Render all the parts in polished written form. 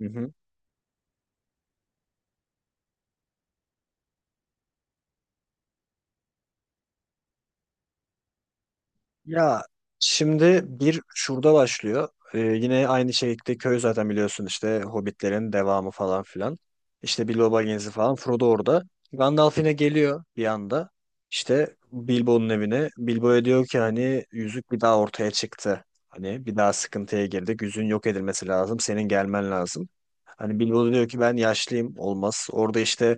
Hı hı. Ya şimdi bir şurada başlıyor. Yine aynı şekilde köy zaten biliyorsun işte Hobbitlerin devamı falan filan. İşte Bilbo Baggins'i falan Frodo orada. Gandalf yine geliyor bir anda. İşte Bilbo'nun evine. Bilbo'ya diyor ki hani yüzük bir daha ortaya çıktı. Hani bir daha sıkıntıya girdik. Yüzüğün yok edilmesi lazım. Senin gelmen lazım. Hani Bilbo da diyor ki ben yaşlıyım olmaz. Orada işte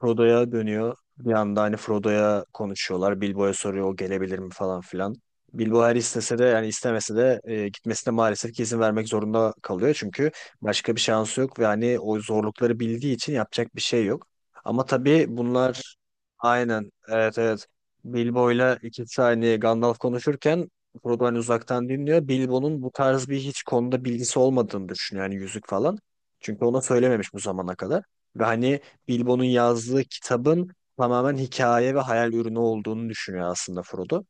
Frodo'ya dönüyor. Bir anda hani Frodo'ya konuşuyorlar. Bilbo'ya soruyor o gelebilir mi falan filan. Bilbao her istese de yani istemese de gitmesine maalesef ki izin vermek zorunda kalıyor. Çünkü başka bir şansı yok ve hani o zorlukları bildiği için yapacak bir şey yok. Ama tabii bunlar. Aynen, evet, evet. Bilbo'yla 2 saniye Gandalf konuşurken Frodo hani uzaktan dinliyor. Bilbo'nun bu tarz bir hiç konuda bilgisi olmadığını düşünüyor yani yüzük falan. Çünkü ona söylememiş bu zamana kadar. Ve hani Bilbo'nun yazdığı kitabın tamamen hikaye ve hayal ürünü olduğunu düşünüyor aslında Frodo.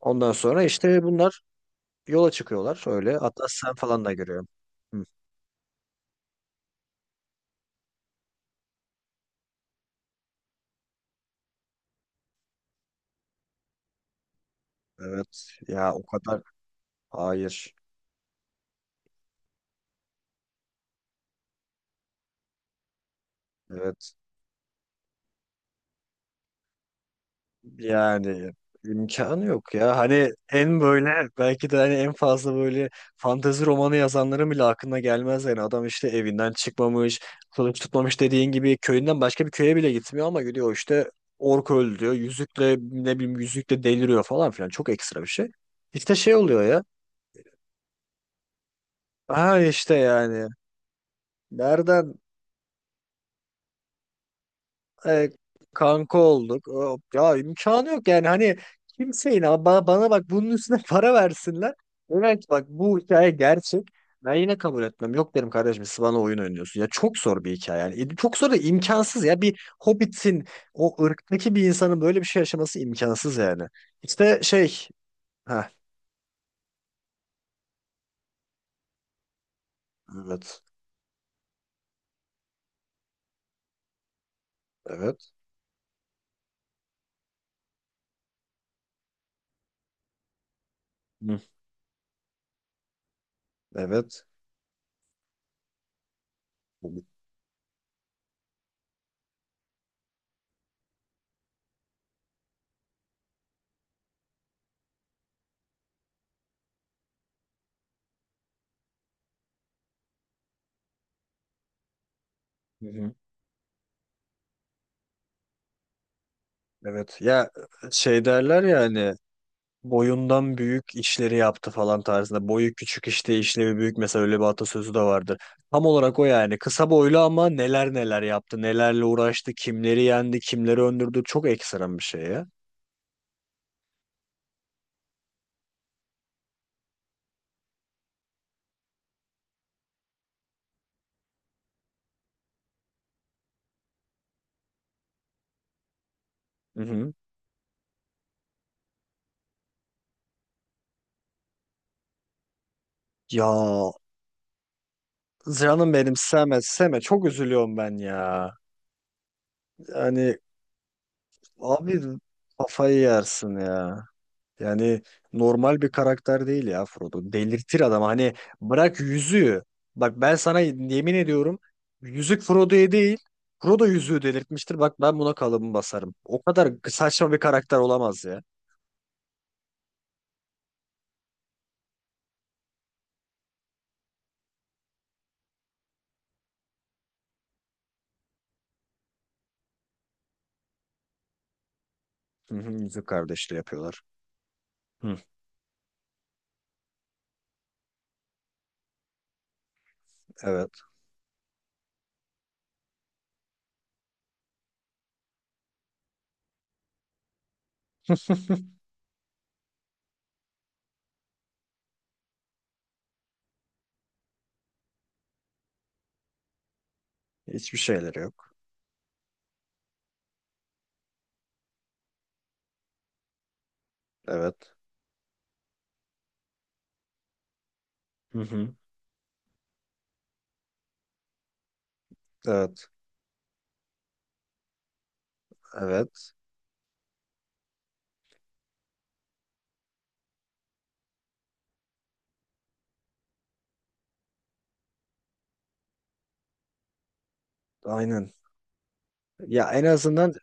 Ondan sonra işte bunlar yola çıkıyorlar öyle. Hatta sen falan da görüyorum. Hı. Evet ya, o kadar. Hayır. Evet. Yani imkanı yok ya. Hani en böyle belki de hani en fazla böyle fantezi romanı yazanların bile aklına gelmez yani. Adam işte evinden çıkmamış, kılıç tutmamış dediğin gibi köyünden başka bir köye bile gitmiyor ama gidiyor işte ork öldü diyor. Yüzükle ne bileyim yüzükle deliriyor falan filan. Çok ekstra bir şey. İşte şey oluyor ya. Ha işte yani. Nereden e, kanka olduk. Ya imkanı yok yani hani kimseyin ama bana bak bunun üstüne para versinler. Evet, bak bu hikaye gerçek. Ben yine kabul etmem. Yok derim kardeşim, siz bana oyun oynuyorsun. Ya çok zor bir hikaye yani. Çok zor da imkansız ya. Bir Hobbit'in o ırktaki bir insanın böyle bir şey yaşaması imkansız yani. İşte şey. Ha, evet. Evet. Hı. Evet. Hı hı. Evet. Ya şey derler yani boyundan büyük işleri yaptı falan tarzında. Boyu küçük işte işlevi büyük, mesela öyle bir atasözü de vardır. Tam olarak o yani. Kısa boylu ama neler neler yaptı. Nelerle uğraştı. Kimleri yendi. Kimleri öndürdü. Çok ekstrem bir şey ya. Hı hı. Ya canım benim, Seme Seme çok üzülüyorum ben ya. Yani abi kafayı yersin ya. Yani normal bir karakter değil ya Frodo. Delirtir adam. Hani bırak yüzüğü. Bak ben sana yemin ediyorum yüzük Frodo'ya değil, Frodo yüzüğü delirtmiştir. Bak ben buna kalıbımı basarım. O kadar saçma bir karakter olamaz ya. Hı hı. Yüzük kardeşliği yapıyorlar. Hı, evet. Hiçbir şeyleri yok. Evet. Hı hı. Evet. Evet. Aynen. Ya en azından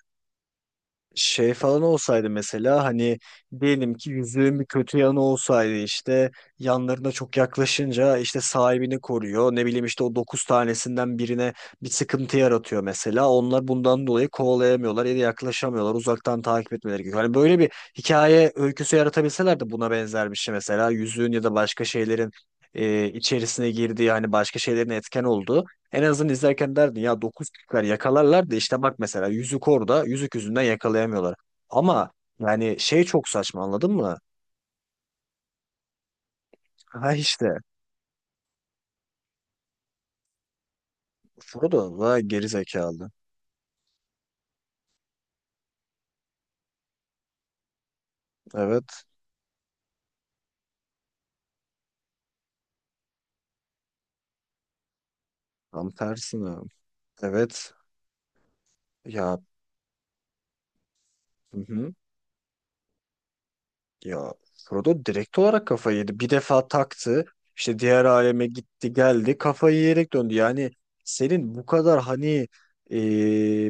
şey falan olsaydı mesela hani diyelim ki yüzüğün bir kötü yanı olsaydı işte yanlarına çok yaklaşınca işte sahibini koruyor. Ne bileyim işte o dokuz tanesinden birine bir sıkıntı yaratıyor mesela. Onlar bundan dolayı kovalayamıyorlar ya da yaklaşamıyorlar. Uzaktan takip etmeleri gerekiyor. Hani böyle bir hikaye öyküsü yaratabilseler de buna benzer bir şey mesela yüzüğün ya da başka şeylerin içerisine girdiği hani başka şeylerin etken olduğu en azından izlerken derdin ya 9 kişiler yakalarlar da işte bak mesela yüzük orada yüzük yüzünden yakalayamıyorlar. Ama yani şey çok saçma, anladın mı? Ha işte. Frodo da geri zekalı. Evet, tam tersine. Evet ya. Hı hı. Ya Frodo direkt olarak kafayı yedi. Bir defa taktı. İşte diğer aleme gitti geldi. Kafayı yiyerek döndü. Yani senin bu kadar hani, e,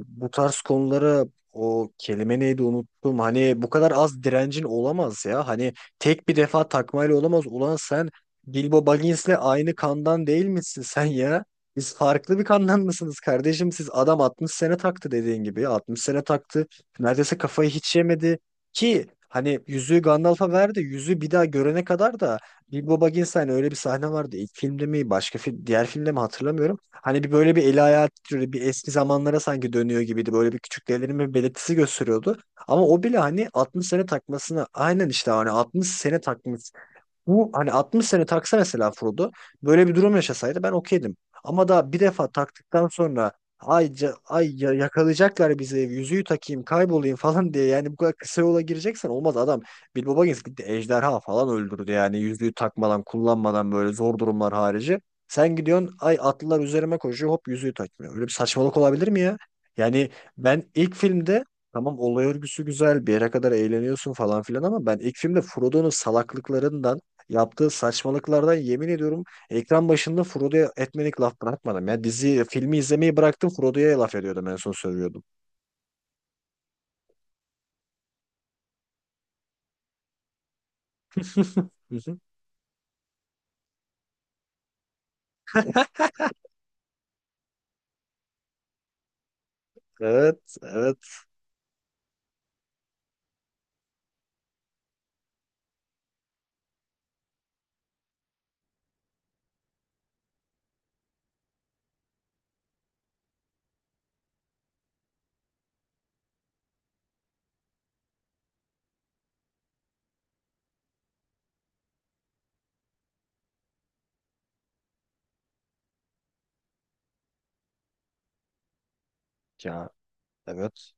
bu tarz konulara, o kelime neydi unuttum. Hani bu kadar az direncin olamaz ya. Hani tek bir defa takmayla olamaz. Ulan sen Bilbo Baggins'le aynı kandan değil misin sen ya? Biz farklı bir kandan mısınız kardeşim? Siz adam 60 sene taktı dediğin gibi. 60 sene taktı. Neredeyse kafayı hiç yemedi. Ki hani yüzüğü Gandalf'a verdi. Yüzüğü bir daha görene kadar da Bilbo Baggins hani öyle bir sahne vardı. İlk filmde mi başka film, diğer filmde mi hatırlamıyorum. Hani bir böyle bir eli ayağı titriyordu. Bir eski zamanlara sanki dönüyor gibiydi. Böyle bir küçük bir belirtisi gösteriyordu. Ama o bile hani 60 sene takmasına aynen işte hani 60 sene takmış, bu hani 60 sene taksa mesela Frodo böyle bir durum yaşasaydı ben okeydim. Ama da bir defa taktıktan sonra ay, yakalayacaklar bizi yüzüğü takayım kaybolayım falan diye yani bu kadar kısa yola gireceksen olmaz adam. Bilbo Baggins gitti ejderha falan öldürdü yani yüzüğü takmadan kullanmadan böyle zor durumlar harici. Sen gidiyorsun ay atlılar üzerime koşuyor hop yüzüğü takmıyor. Öyle bir saçmalık olabilir mi ya? Yani ben ilk filmde, tamam olay örgüsü güzel bir yere kadar eğleniyorsun falan filan, ama ben ilk filmde Frodo'nun salaklıklarından, yaptığı saçmalıklardan, yemin ediyorum ekran başında Frodo'ya etmelik laf bırakmadım. Ya dizi filmi izlemeyi bıraktım, Frodo'ya laf ediyordum en son söylüyordum. Hı hı. Evet, evet. Ya, evet.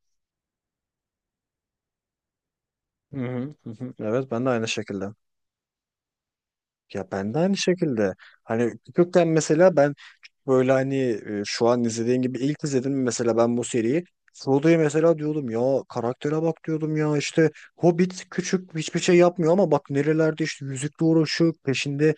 Hı hı, hı hı. Evet, ben de aynı şekilde. Ya ben de aynı şekilde. Hani küçükken mesela ben böyle hani, şu an izlediğin gibi ilk izledim mesela ben bu seriyi. Frodo'ya mesela diyordum ya, karaktere bak diyordum ya işte Hobbit küçük hiçbir şey yapmıyor ama bak nerelerde işte yüzükle uğraşıyor, peşinde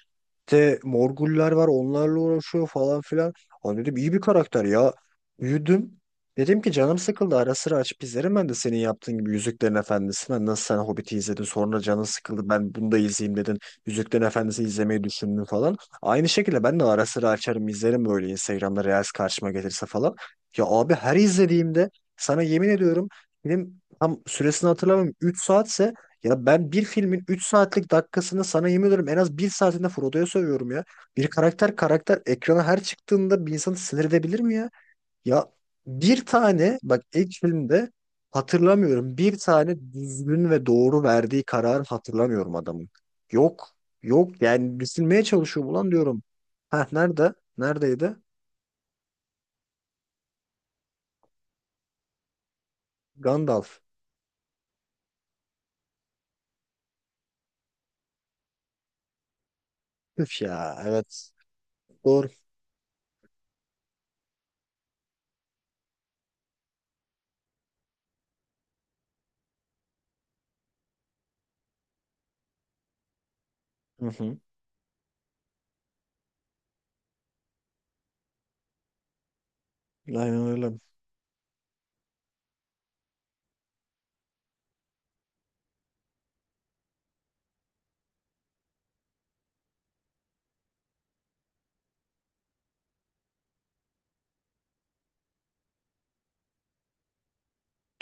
de Morgullar var onlarla uğraşıyor falan filan. Hani dedim iyi bir karakter ya. Büyüdüm. Dedim ki canım sıkıldı ara sıra açıp izlerim ben de senin yaptığın gibi Yüzüklerin Efendisi'ni. Hani nasıl sen Hobbit'i izledin sonra canın sıkıldı ben bunu da izleyeyim dedin. Yüzüklerin Efendisi izlemeyi düşündün falan. Aynı şekilde ben de ara sıra açarım izlerim böyle Instagram'da Reels karşıma gelirse falan. Ya abi her izlediğimde sana yemin ediyorum, film tam süresini hatırlamıyorum, 3 saatse ya ben bir filmin 3 saatlik dakikasını sana yemin ediyorum en az bir saatinde Frodo'ya sövüyorum ya. Bir karakter karakter ekrana her çıktığında bir insanı sinir edebilir mi ya? Ya bir tane bak ilk filmde hatırlamıyorum. Bir tane düzgün ve doğru verdiği kararı hatırlamıyorum adamın. Yok. Yok yani düşünmeye çalışıyor ulan diyorum. Ha, nerede? Neredeydi? Gandalf. Üf ya, evet. Doğru. Hı hı. Aynen öyle.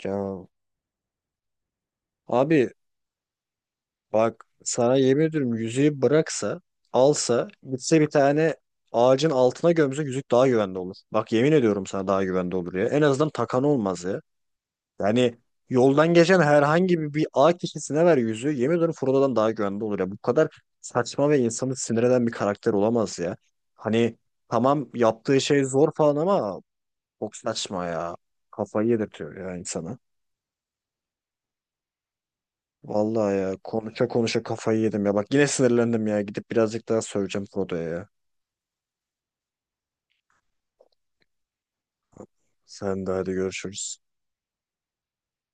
Ya. Abi bak sana yemin ediyorum yüzüğü bıraksa alsa gitse bir tane ağacın altına gömse yüzük daha güvende olur. Bak yemin ediyorum sana, daha güvende olur ya. En azından takan olmaz ya. Yani yoldan geçen herhangi bir, A kişisine ver yüzü. Yemin ediyorum Frodo'dan daha güvende olur ya. Bu kadar saçma ve insanı sinir eden bir karakter olamaz ya. Hani tamam yaptığı şey zor falan ama çok saçma ya. Kafayı yedirtiyor ya insana. Vallahi ya konuşa konuşa kafayı yedim ya. Bak yine sinirlendim ya. Gidip birazcık daha söyleyeceğim Frodo'ya ya. Sen de hadi görüşürüz.